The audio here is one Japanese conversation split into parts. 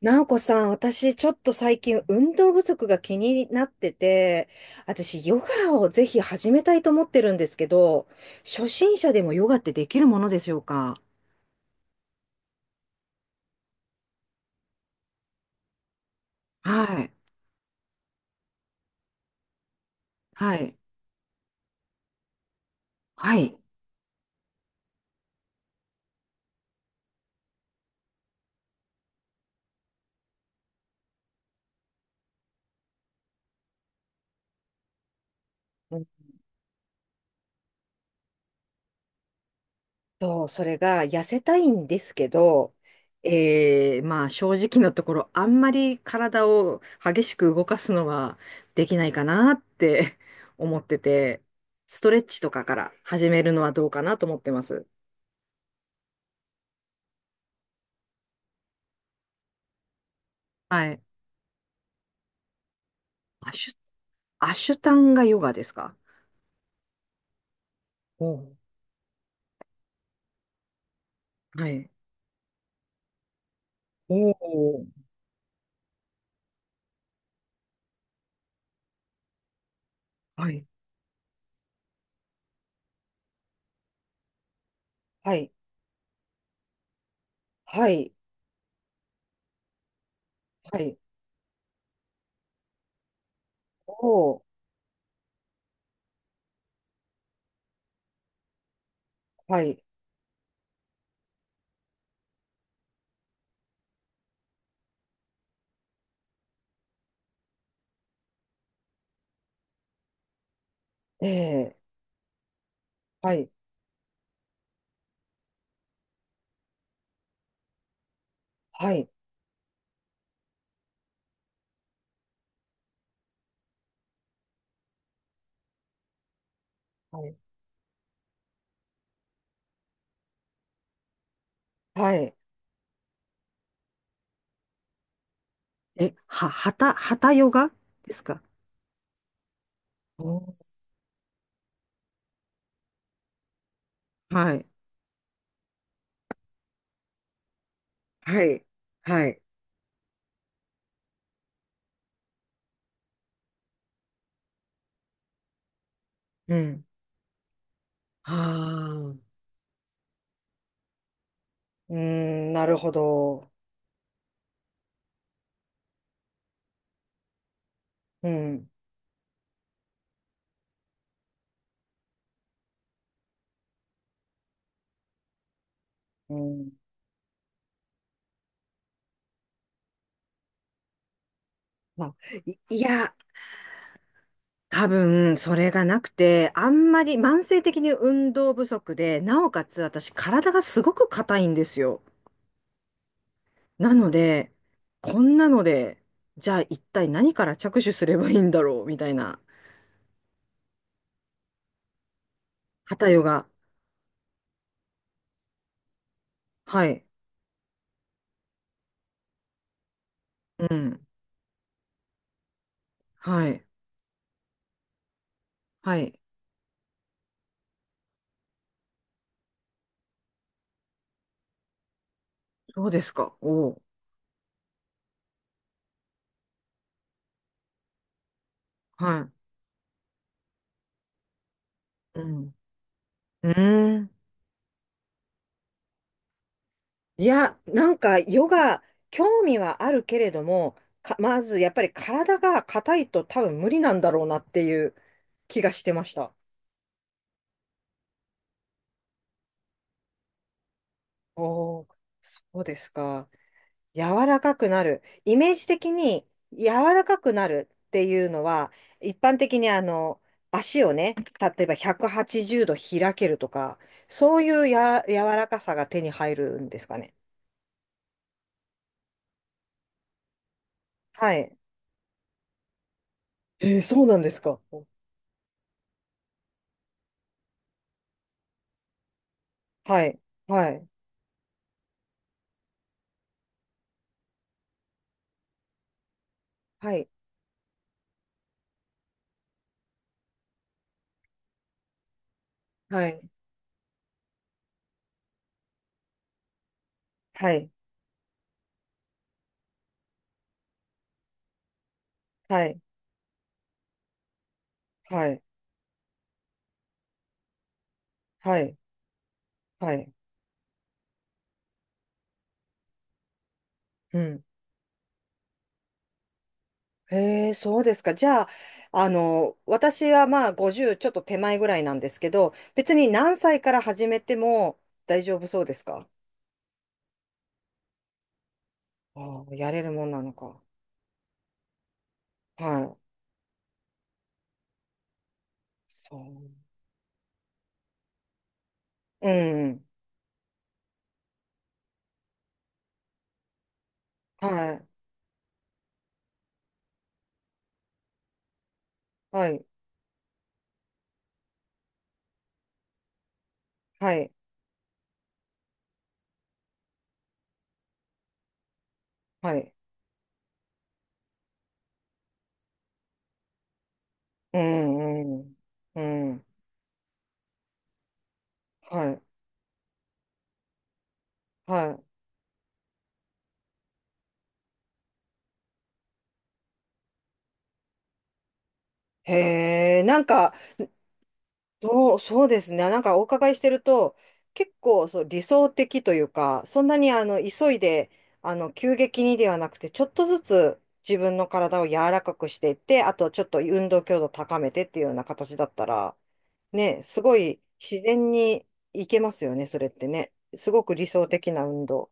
なおこさん、私ちょっと最近運動不足が気になってて、私ヨガをぜひ始めたいと思ってるんですけど、初心者でもヨガってできるものでしょうか？はい。はい。はい。うん。と、それが痩せたいんですけど、まあ正直なところ、あんまり体を激しく動かすのはできないかなって 思ってて、ストレッチとかから始めるのはどうかなと思ってます。はい。あしゅアシュタンガヨガですか？おう。はい。おお。はい、はい。はい。はい。おお。はい。ええ。はい。はい。はい。はい。え、は、はた、はたヨガですか？おー。はい。はい。はい。うん。はあ。うーん、なるほど。うん。うん。まあ、いや、多分、それがなくて、あんまり慢性的に運動不足で、なおかつ私、体がすごく硬いんですよ。なので、こんなので、じゃあ一体何から着手すればいいんだろう、みたいな、旗ヨガ。はい。うん。はい。はい。そうですか。おう。はい。うん。うーん。いや、なんか、ヨガ、興味はあるけれども、まず、やっぱり体が硬いと多分無理なんだろうなっていう気がしてました。おお、そうですか。柔らかくなる。イメージ的に柔らかくなるっていうのは、一般的に足をね、例えば180度開けるとか、そういうや、柔らかさが手に入るんですかね？はい。えー、そうなんですか。はい。はい。はい。はい。はい。はい。はい。はい。はい。うん。へえ、そうですか。じゃあ、私はまあ50ちょっと手前ぐらいなんですけど、別に何歳から始めても大丈夫そうですか？ああ、やれるもんなのか。はい。そう。うん。はい。はい。はい。はい。うん。うん。うん。はい。はい。へえ、なんか、そう、そうですね。なんかお伺いしてると、結構そう理想的というか、そんなに急いで、急激にではなくて、ちょっとずつ自分の体を柔らかくしていって、あとちょっと運動強度高めてっていうような形だったら、ね、すごい自然にいけますよね、それってね。すごく理想的な運動。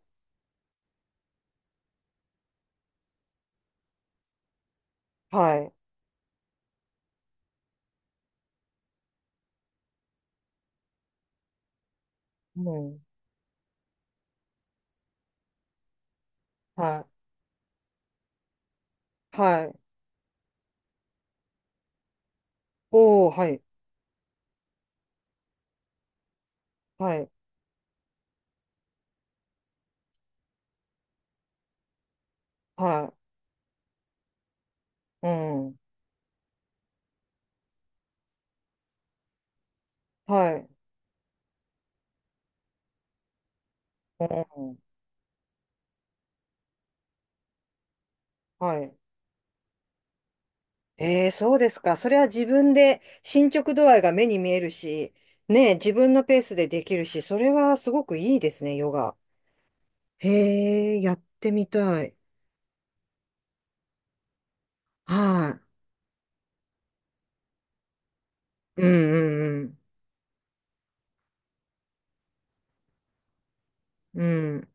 はい。うん。はい。はい。おー、はい。はい。はい。うん。はい。うん。はい。ええ、そうですか。それは自分で進捗度合いが目に見えるし、ねえ、自分のペースでできるし、それはすごくいいですね、ヨガ。へえ、やってみたい。はい。うんうんうん。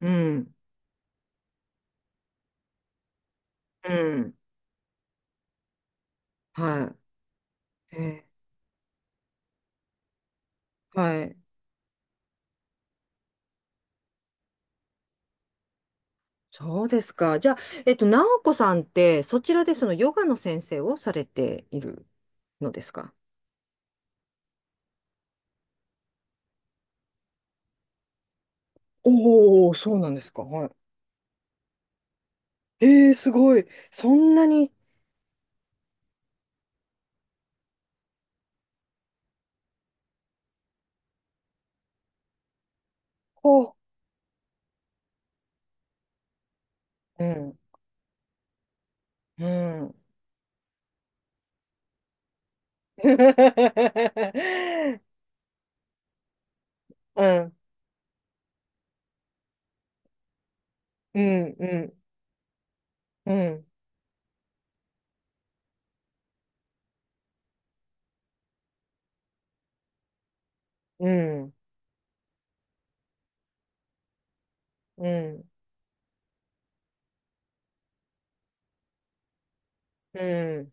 うん。うん。はい。えーはい。そうですか。じゃあ、直子さんって、そちらでそのヨガの先生をされているのですか？おおー、そうなんですか。はい。ええ、すごい。そんなに、こう。うんうん。うん。うん。うん。うん。うん。うんうん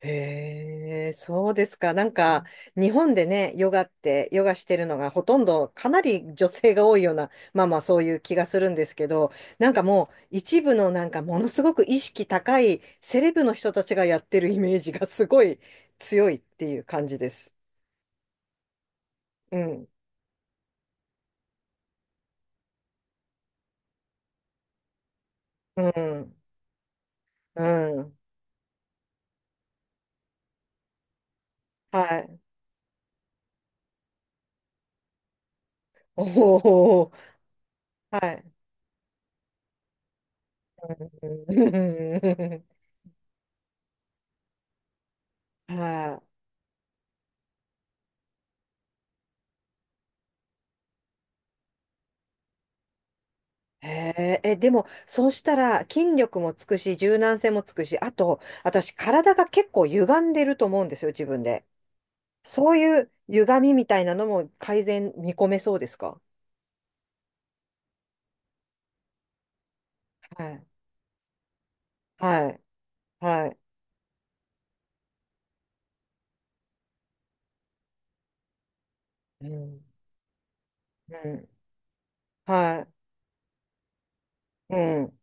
へえ、そうですか。なんか、日本でね、ヨガって、ヨガしてるのがほとんど、かなり女性が多いような、まあまあそういう気がするんですけど、なんかもう、一部のなんか、ものすごく意識高いセレブの人たちがやってるイメージがすごい強いっていう感じです。うん。うん。うん。はい。おお。はい。うん はい。へえ、え、でも、そうしたら筋力もつくし、柔軟性もつくし、あと、私、体が結構歪んでると思うんですよ、自分で。そういう歪みみたいなのも改善見込めそうですか？はい。はい。はい。うん。うん。はい。うん。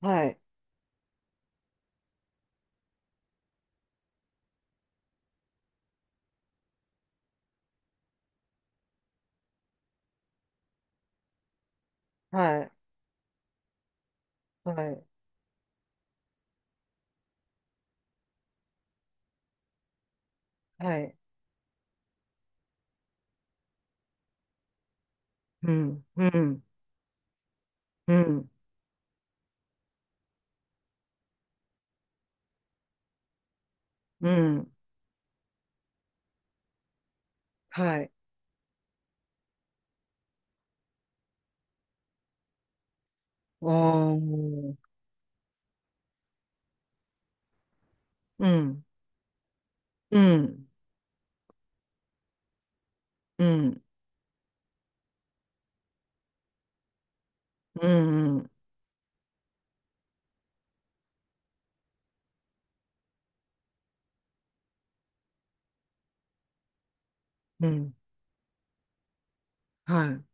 はい。はい。はい。はい。うん。うん。うん。うん。はい。おー。うん。うん。うん。うんうん。うんはい。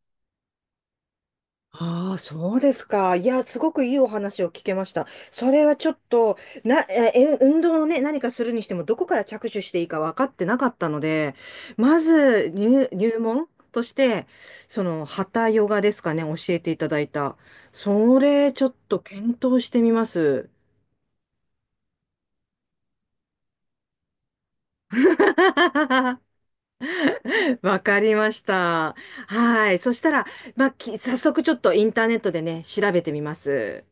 ああ、そうですか。いや、すごくいいお話を聞けました。それはちょっと、な、え、え運動をね、何かするにしても、どこから着手していいか分かってなかったので、まず入門として、その、ハタヨガですかね、教えていただいた。それ、ちょっと検討してみます。わかりました。はい。そしたら、まあ、早速ちょっとインターネットでね、調べてみます。